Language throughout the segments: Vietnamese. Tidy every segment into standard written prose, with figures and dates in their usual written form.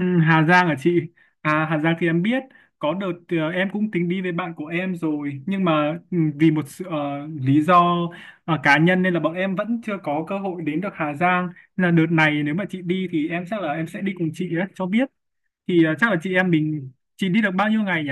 Ừ, Hà Giang hả chị? À, Hà Giang thì em biết. Có đợt em cũng tính đi với bạn của em rồi. Nhưng mà vì một sự lý do cá nhân nên là bọn em vẫn chưa có cơ hội đến được Hà Giang. Nên là đợt này nếu mà chị đi thì em chắc là em sẽ đi cùng chị ấy, cho biết. Thì chắc là chị em mình... Chị đi được bao nhiêu ngày nhỉ?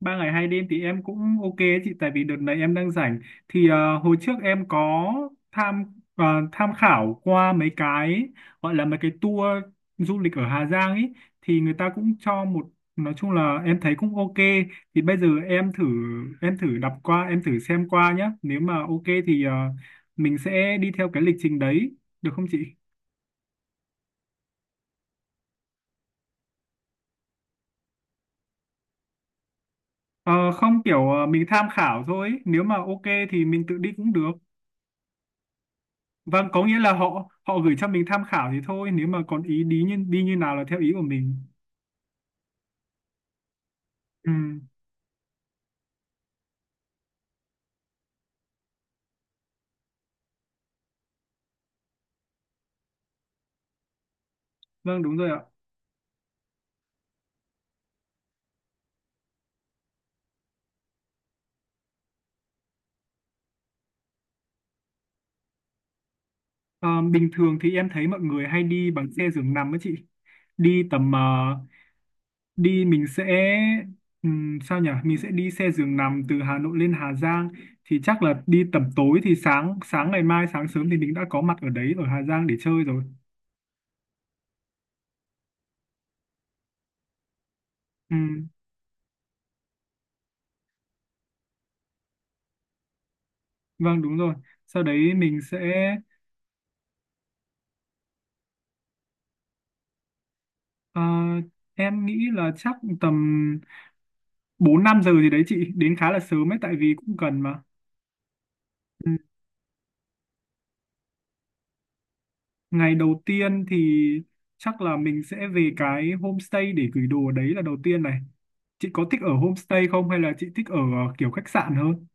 3 ngày 2 đêm thì em cũng ok ấy chị, tại vì đợt này em đang rảnh. Thì hồi trước em có tham ờ, tham khảo qua mấy cái, gọi là mấy cái tour du lịch ở Hà Giang ấy. Thì người ta cũng cho một, nói chung là em thấy cũng ok. Thì bây giờ em thử đọc qua, em thử xem qua nhá, nếu mà ok thì mình sẽ đi theo cái lịch trình đấy, được không chị? Ờ, không, kiểu mình tham khảo thôi, nếu mà ok thì mình tự đi cũng được. Vâng, có nghĩa là họ họ gửi cho mình tham khảo thì thôi, nếu mà còn ý đi như nào là theo ý của mình. Ừ, vâng đúng rồi ạ. Ờ, bình thường thì em thấy mọi người hay đi bằng xe giường nằm ấy chị. Đi tầm đi mình sẽ sao nhỉ? Mình sẽ đi xe giường nằm từ Hà Nội lên Hà Giang, thì chắc là đi tầm tối thì sáng sáng ngày mai, sáng sớm thì mình đã có mặt ở đấy, ở Hà Giang để chơi rồi. Ừm, vâng đúng rồi. Sau đấy mình sẽ... Ờ, em nghĩ là chắc tầm 4 5 giờ gì đấy chị, đến khá là sớm ấy, tại vì cũng gần mà. Ừ. Ngày đầu tiên thì chắc là mình sẽ về cái homestay để gửi đồ đấy, là đầu tiên này. Chị có thích ở homestay không hay là chị thích ở kiểu khách sạn hơn?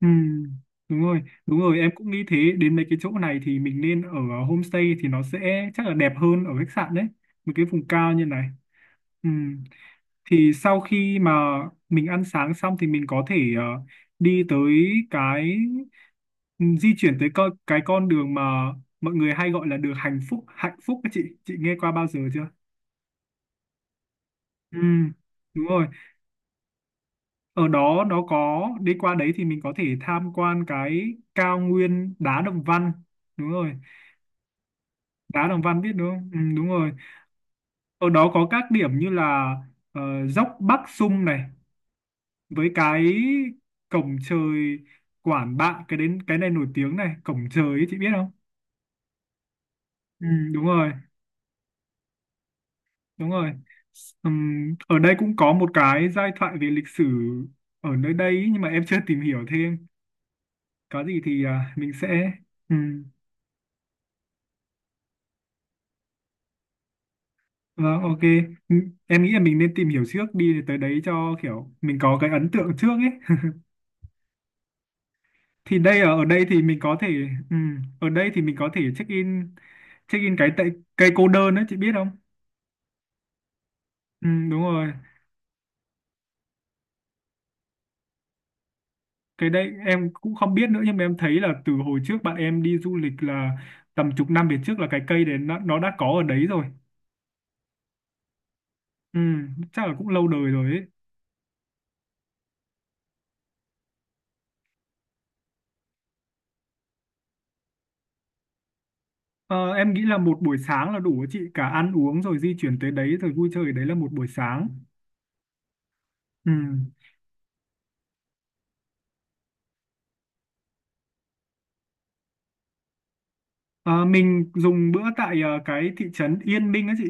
Ừ, đúng rồi, em cũng nghĩ thế, đến mấy cái chỗ này thì mình nên ở homestay, thì nó sẽ chắc là đẹp hơn ở khách sạn đấy, một cái vùng cao như này. Ừ. Thì sau khi mà mình ăn sáng xong thì mình có thể đi tới cái ừ, di chuyển tới cái con đường mà mọi người hay gọi là đường hạnh phúc, các chị nghe qua bao giờ chưa? Ừ, đúng rồi. Ở đó nó có đi qua đấy thì mình có thể tham quan cái cao nguyên đá Đồng Văn, đúng rồi, đá Đồng Văn biết đúng không? Ừ, đúng rồi. Ở đó có các điểm như là dốc Bắc Sung này, với cái cổng trời Quản Bạ, cái đến cái này nổi tiếng này, cổng trời ấy, chị biết không? Ừ, đúng rồi, đúng rồi. Ở đây cũng có một cái giai thoại về lịch sử ở nơi đây ý, nhưng mà em chưa tìm hiểu thêm, có gì thì à, mình sẽ... Ừm, vâng ok. Ừm, em nghĩ là mình nên tìm hiểu trước đi để tới đấy cho kiểu mình có cái ấn tượng trước ấy thì đây, ở ở đây thì mình có thể... ở đây thì mình có thể check in cái tại cây cô đơn đấy, chị biết không? Ừ, đúng rồi. Cái đấy em cũng không biết nữa, nhưng mà em thấy là từ hồi trước bạn em đi du lịch là tầm chục năm về trước, là cái cây đấy nó đã có ở đấy rồi. Ừ, chắc là cũng lâu đời rồi ấy. Ờ, em nghĩ là một buổi sáng là đủ ấy chị, cả ăn uống rồi di chuyển tới đấy rồi vui chơi ở đấy là một buổi sáng. Ừ. Ờ, mình dùng bữa tại cái thị trấn Yên Minh á chị,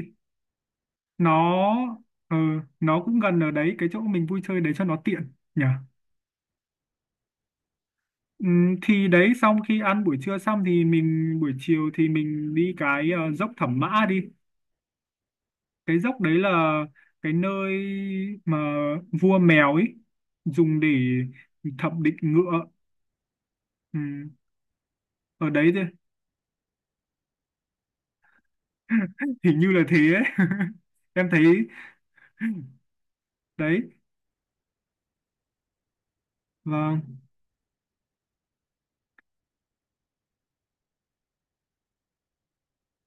nó ờ, nó cũng gần ở đấy, cái chỗ mình vui chơi đấy cho nó tiện nhỉ. Ừ, thì đấy, xong khi ăn buổi trưa xong thì mình, buổi chiều thì mình đi cái dốc Thẩm Mã đi, cái dốc đấy là cái nơi mà vua mèo ấy dùng để thẩm định ngựa, ừ, ở đấy thôi, hình như là thế ấy. Em thấy đấy và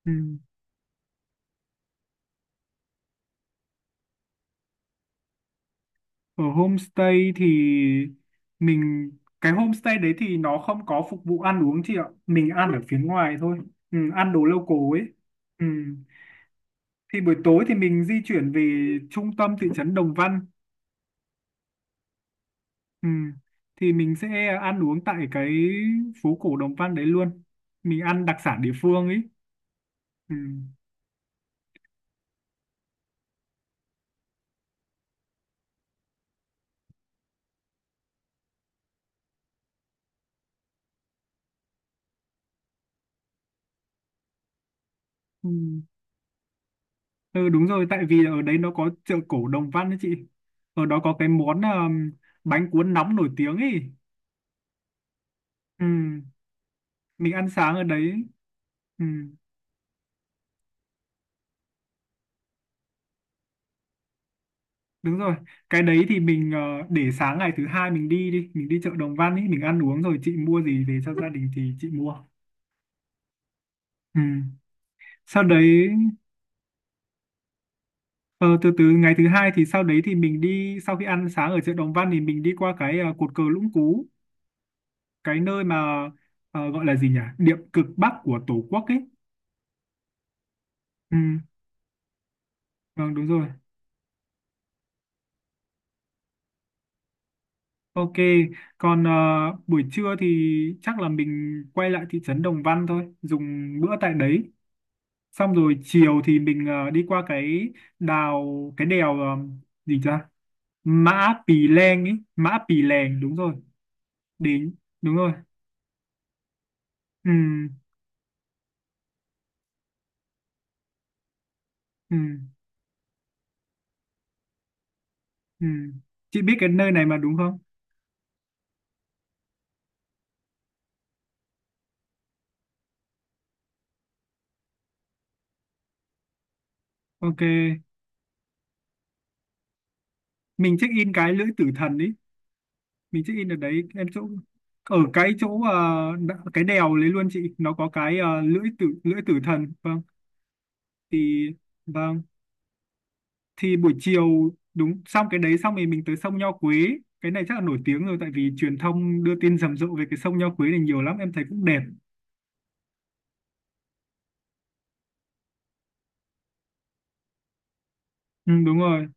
ừ. Ở homestay thì mình, cái homestay đấy thì nó không có phục vụ ăn uống chị ạ, mình ăn ở phía ngoài thôi, ừ, ăn đồ local ấy. Ừ. Thì buổi tối thì mình di chuyển về trung tâm thị trấn Đồng Văn. Ừ. Thì mình sẽ ăn uống tại cái phố cổ Đồng Văn đấy luôn, mình ăn đặc sản địa phương ấy. Ừ. Ừ. Ừ đúng rồi, tại vì ở đấy nó có chợ cổ Đồng Văn đấy chị, ở đó có cái món bánh cuốn nóng nổi tiếng ấy. Ừ, mình ăn sáng ở đấy. Ừ, đúng rồi, cái đấy thì mình để sáng ngày thứ hai mình đi chợ Đồng Văn ấy, mình ăn uống rồi chị mua gì về cho gia đình thì chị mua. Ừ, sau đấy. Ờ, từ từ, ngày thứ hai thì sau đấy thì mình đi, sau khi ăn sáng ở chợ Đồng Văn thì mình đi qua cái cột cờ Lũng Cú, cái nơi mà gọi là gì nhỉ, điểm cực bắc của Tổ quốc ấy. Ừ, vâng đúng rồi. Ok. Còn buổi trưa thì chắc là mình quay lại thị trấn Đồng Văn thôi, dùng bữa tại đấy, xong rồi chiều thì mình đi qua cái đèo, gì ta, Mã Pì Lèng ấy, Mã Pì Lèng đúng rồi, đến đúng rồi, ừ, ừ. Ừ. Chị biết cái nơi này mà đúng không? Ok, mình check in cái lưỡi tử thần đi. Mình check in ở đấy em, chỗ ở cái chỗ cái đèo đấy luôn chị, nó có cái lưỡi tử thần. Vâng, thì vâng, buổi chiều, đúng, xong cái đấy xong thì mình tới sông Nho Quế. Cái này chắc là nổi tiếng rồi, tại vì truyền thông đưa tin rầm rộ về cái sông Nho Quế này nhiều lắm, em thấy cũng đẹp. Ừ, đúng rồi,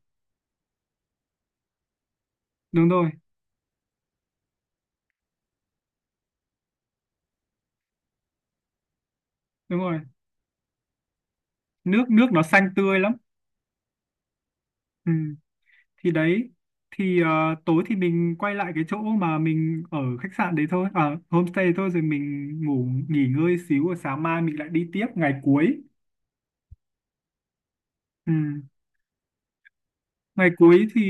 đúng rồi, đúng rồi. Nước nước nó xanh tươi lắm. Ừ. Thì đấy, thì tối thì mình quay lại cái chỗ mà mình ở khách sạn đấy thôi, à, homestay thôi, rồi mình ngủ nghỉ ngơi xíu rồi sáng mai mình lại đi tiếp ngày cuối. Ừ. Ngày cuối thì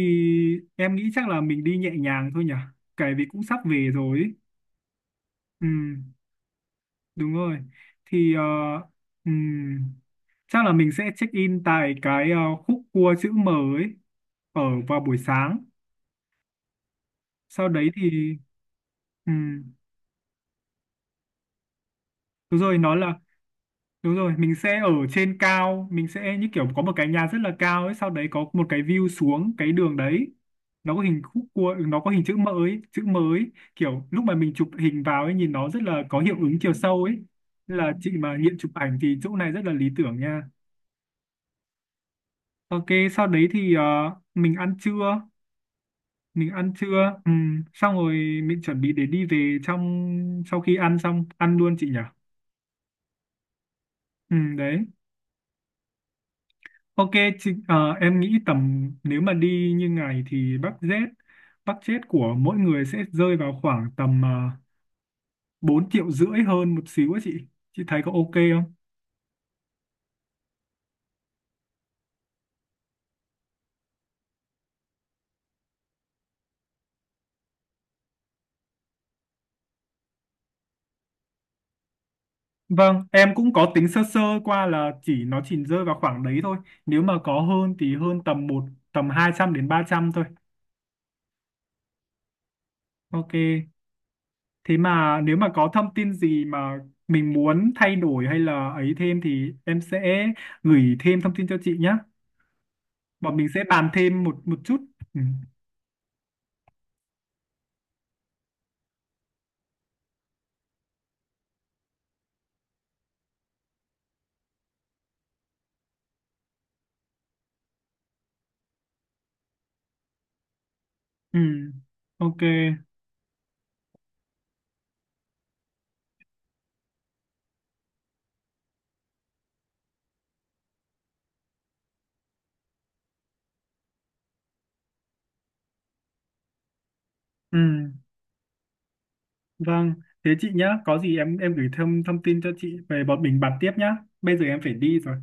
em nghĩ chắc là mình đi nhẹ nhàng thôi nhỉ, kể vì cũng sắp về rồi ấy. Ừ. Đúng rồi, thì ừ. chắc là mình sẽ check in tại cái khúc cua chữ M ấy, ở vào buổi sáng, sau đấy thì ừ. đúng rồi, nó là... Đúng rồi, mình sẽ ở trên cao, mình sẽ như kiểu có một cái nhà rất là cao ấy, sau đấy có một cái view xuống cái đường đấy. Nó có hình khúc cua, nó có hình chữ M ấy, kiểu lúc mà mình chụp hình vào ấy nhìn nó rất là có hiệu ứng chiều sâu ấy. Nên là chị mà hiện chụp ảnh thì chỗ này rất là lý tưởng nha. Ok, sau đấy thì mình ăn trưa, mình ăn trưa, xong rồi mình chuẩn bị để đi về trong, sau khi ăn xong, ăn luôn chị nhỉ? Ừ, đấy. Ok, chị, em nghĩ tầm, nếu mà đi như ngày thì budget budget của mỗi người sẽ rơi vào khoảng tầm uh, 4 triệu rưỡi hơn một xíu á chị. Chị thấy có ok không? Vâng, em cũng có tính sơ sơ qua là nó chỉ rơi vào khoảng đấy thôi. Nếu mà có hơn thì hơn tầm 200 đến 300 thôi. Ok. Thế mà nếu mà có thông tin gì mà mình muốn thay đổi hay là ấy thêm thì em sẽ gửi thêm thông tin cho chị nhé. Bọn mình sẽ bàn thêm một một chút. Ừ. Ừ, ok. Ừ, vâng. Thế chị nhá, có gì em gửi thêm thông tin cho chị về bọn mình bàn tiếp nhá. Bây giờ em phải đi rồi.